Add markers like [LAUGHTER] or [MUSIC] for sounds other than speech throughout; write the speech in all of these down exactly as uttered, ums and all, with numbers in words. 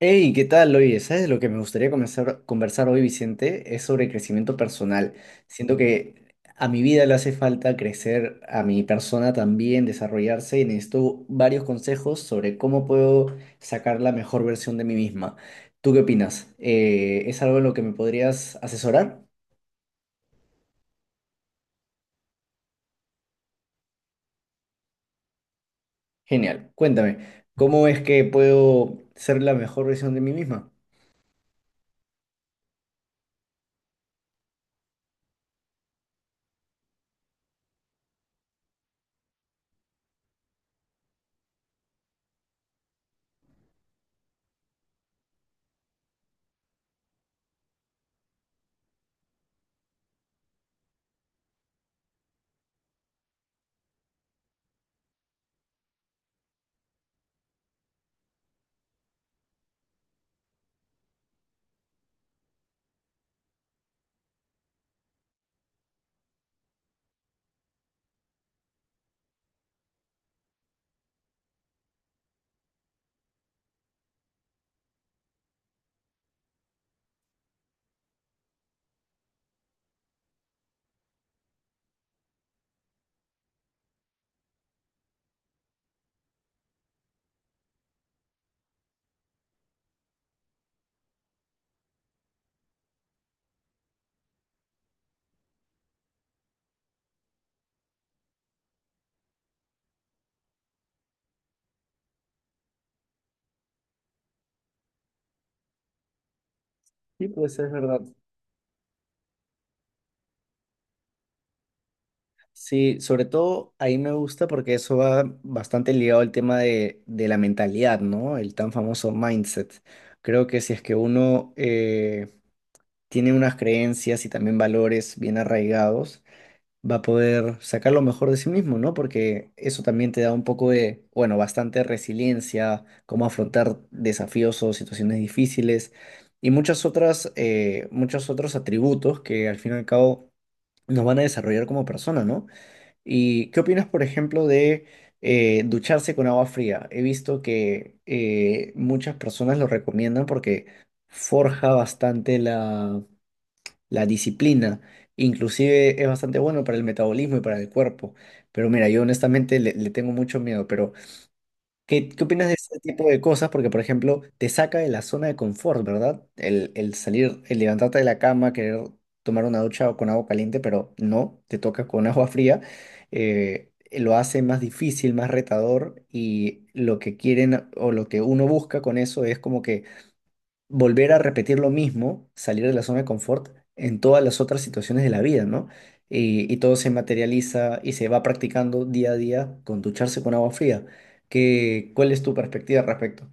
Hey, ¿qué tal? Oye, ¿sabes lo que me gustaría comenzar- conversar hoy, Vicente? Es sobre crecimiento personal. Siento que a mi vida le hace falta crecer, a mi persona también, desarrollarse y necesito varios consejos sobre cómo puedo sacar la mejor versión de mí misma. ¿Tú qué opinas? Eh, ¿es algo en lo que me podrías asesorar? Genial. Cuéntame, ¿cómo es que puedo ser la mejor versión de mí misma? Sí, pues es verdad. Sí, sobre todo ahí me gusta porque eso va bastante ligado al tema de, de la mentalidad, ¿no? El tan famoso mindset. Creo que si es que uno eh, tiene unas creencias y también valores bien arraigados, va a poder sacar lo mejor de sí mismo, ¿no? Porque eso también te da un poco de, bueno, bastante resiliencia, cómo afrontar desafíos o situaciones difíciles y muchas otras, eh, muchos otros atributos que al fin y al cabo nos van a desarrollar como persona, ¿no? ¿Y qué opinas, por ejemplo, de eh, ducharse con agua fría? He visto que eh, muchas personas lo recomiendan porque forja bastante la, la disciplina. Inclusive es bastante bueno para el metabolismo y para el cuerpo. Pero mira, yo honestamente le, le tengo mucho miedo, pero ¿Qué, qué opinas de ese tipo de cosas? Porque, por ejemplo, te saca de la zona de confort, ¿verdad? El, el salir, el levantarte de la cama, querer tomar una ducha o con agua caliente, pero no, te toca con [LAUGHS] agua fría. Eh, lo hace más difícil, más retador y lo que quieren o lo que uno busca con eso es como que volver a repetir lo mismo, salir de la zona de confort en todas las otras situaciones de la vida, ¿no? Y, y todo se materializa y se va practicando día a día con ducharse con agua fría. ¿Qué, cuál es tu perspectiva al respecto?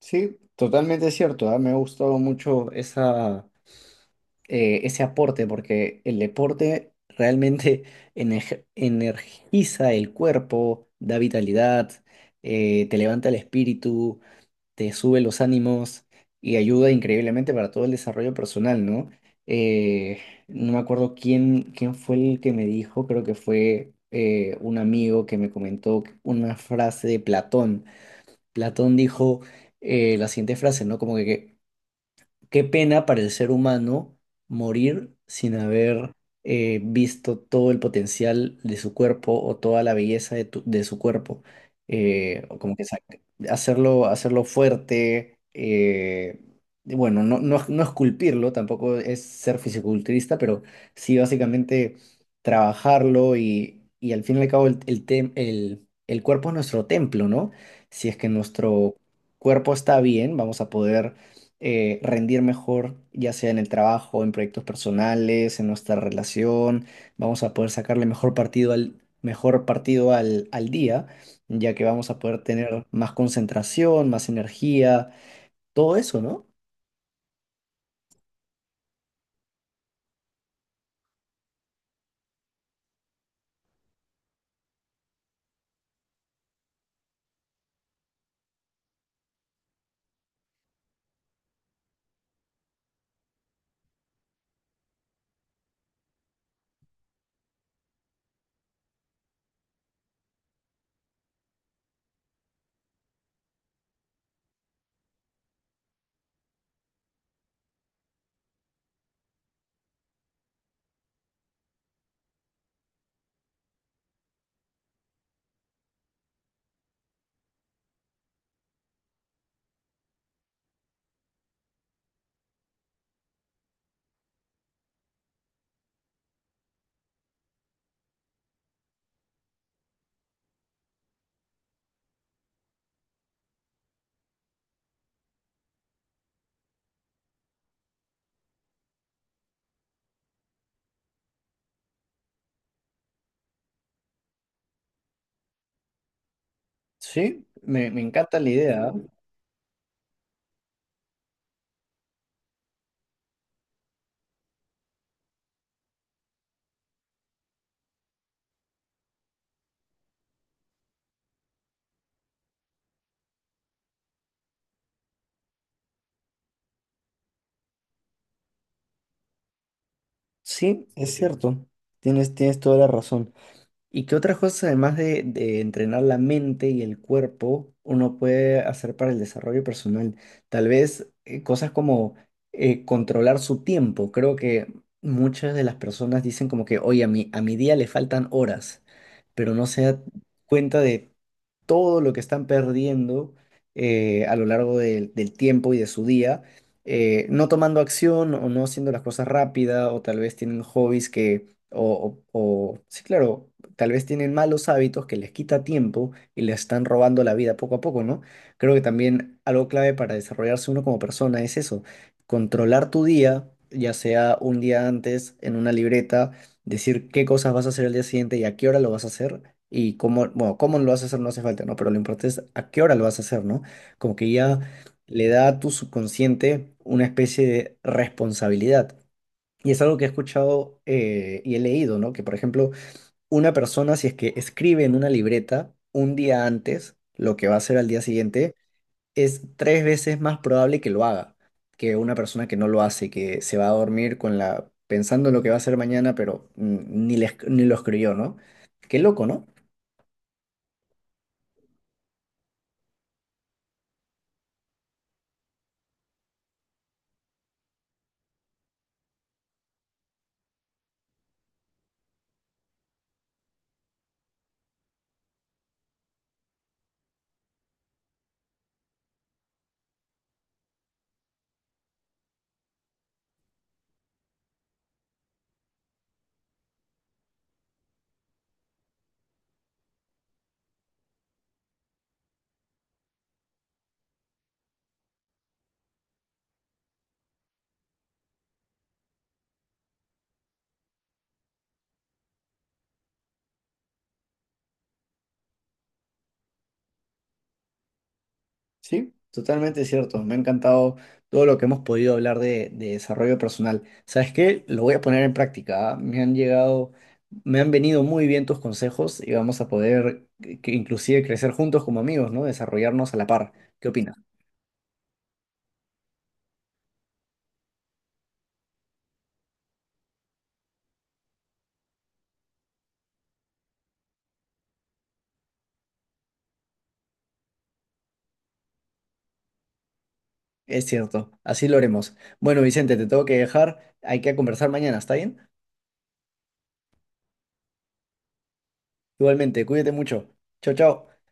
Sí, totalmente cierto, ¿ah? Me ha gustado mucho esa, eh, ese aporte porque el deporte realmente [LAUGHS] enej- energiza el cuerpo, da vitalidad, eh, te levanta el espíritu. Te sube los ánimos y ayuda increíblemente para todo el desarrollo personal, ¿no? Eh, no me acuerdo quién, quién fue el que me dijo, creo que fue eh, un amigo que me comentó una frase de Platón. Platón dijo eh, la siguiente frase, ¿no? Como que, qué pena para el ser humano morir sin haber eh, visto todo el potencial de su cuerpo o toda la belleza de, tu- de su cuerpo. Eh, o como que sa- hacerlo, hacerlo fuerte, eh, y bueno, no, no, no esculpirlo, tampoco es ser fisiculturista, pero sí básicamente trabajarlo y, y al fin y al cabo el, el, tem- el, el cuerpo es nuestro templo, ¿no? Si es que nuestro cuerpo está bien, vamos a poder eh, rendir mejor, ya sea en el trabajo, en proyectos personales, en nuestra relación. Vamos a poder sacarle mejor partido al, mejor partido al, al día, ya que vamos a poder tener más concentración, más energía, todo eso, ¿no? Sí, me, me encanta la idea. ¿Ah? Sí, es cierto. Tienes, tienes toda la razón. ¿Y qué otras cosas, además de, de entrenar la mente y el cuerpo, uno puede hacer para el desarrollo personal? Tal vez eh, cosas como eh, controlar su tiempo. Creo que muchas de las personas dicen como que, oye, a mi, a mi día le faltan horas, pero no se da cuenta de todo lo que están perdiendo eh, a lo largo del del tiempo y de su día, eh, no tomando acción o no haciendo las cosas rápida o tal vez tienen hobbies que, o, o- o- sí, claro, tal vez tienen malos hábitos que les quita tiempo y les están robando la vida poco a poco, ¿no? Creo que también algo clave para desarrollarse uno como persona es eso, controlar tu día, ya sea un día antes en una libreta, decir qué cosas vas a hacer el día siguiente y a qué hora lo vas a hacer y cómo, bueno, cómo lo vas a hacer no hace falta, ¿no? Pero lo importante es a qué hora lo vas a hacer, ¿no? Como que ya le da a tu subconsciente una especie de responsabilidad. Y es algo que he escuchado eh, y he leído, ¿no? Que, por ejemplo, una persona, si es que escribe en una libreta un día antes lo que va a hacer al día siguiente, es tres veces más probable que lo haga que una persona que no lo hace, que se va a dormir con la, pensando en lo que va a hacer mañana, pero mm, ni, le esc- ni lo escribió, ¿no? Qué loco, ¿no? Sí, totalmente cierto. Me ha encantado todo lo que hemos podido hablar de, de desarrollo personal. ¿Sabes qué? Lo voy a poner en práctica. ¿Ah? Me han llegado, me han venido muy bien tus consejos y vamos a poder que, que inclusive crecer juntos como amigos, ¿no? Desarrollarnos a la par. ¿Qué opinas? Es cierto, así lo haremos. Bueno, Vicente, te tengo que dejar. Hay que conversar mañana, ¿está bien? Igualmente, cuídate mucho. Chao, chao.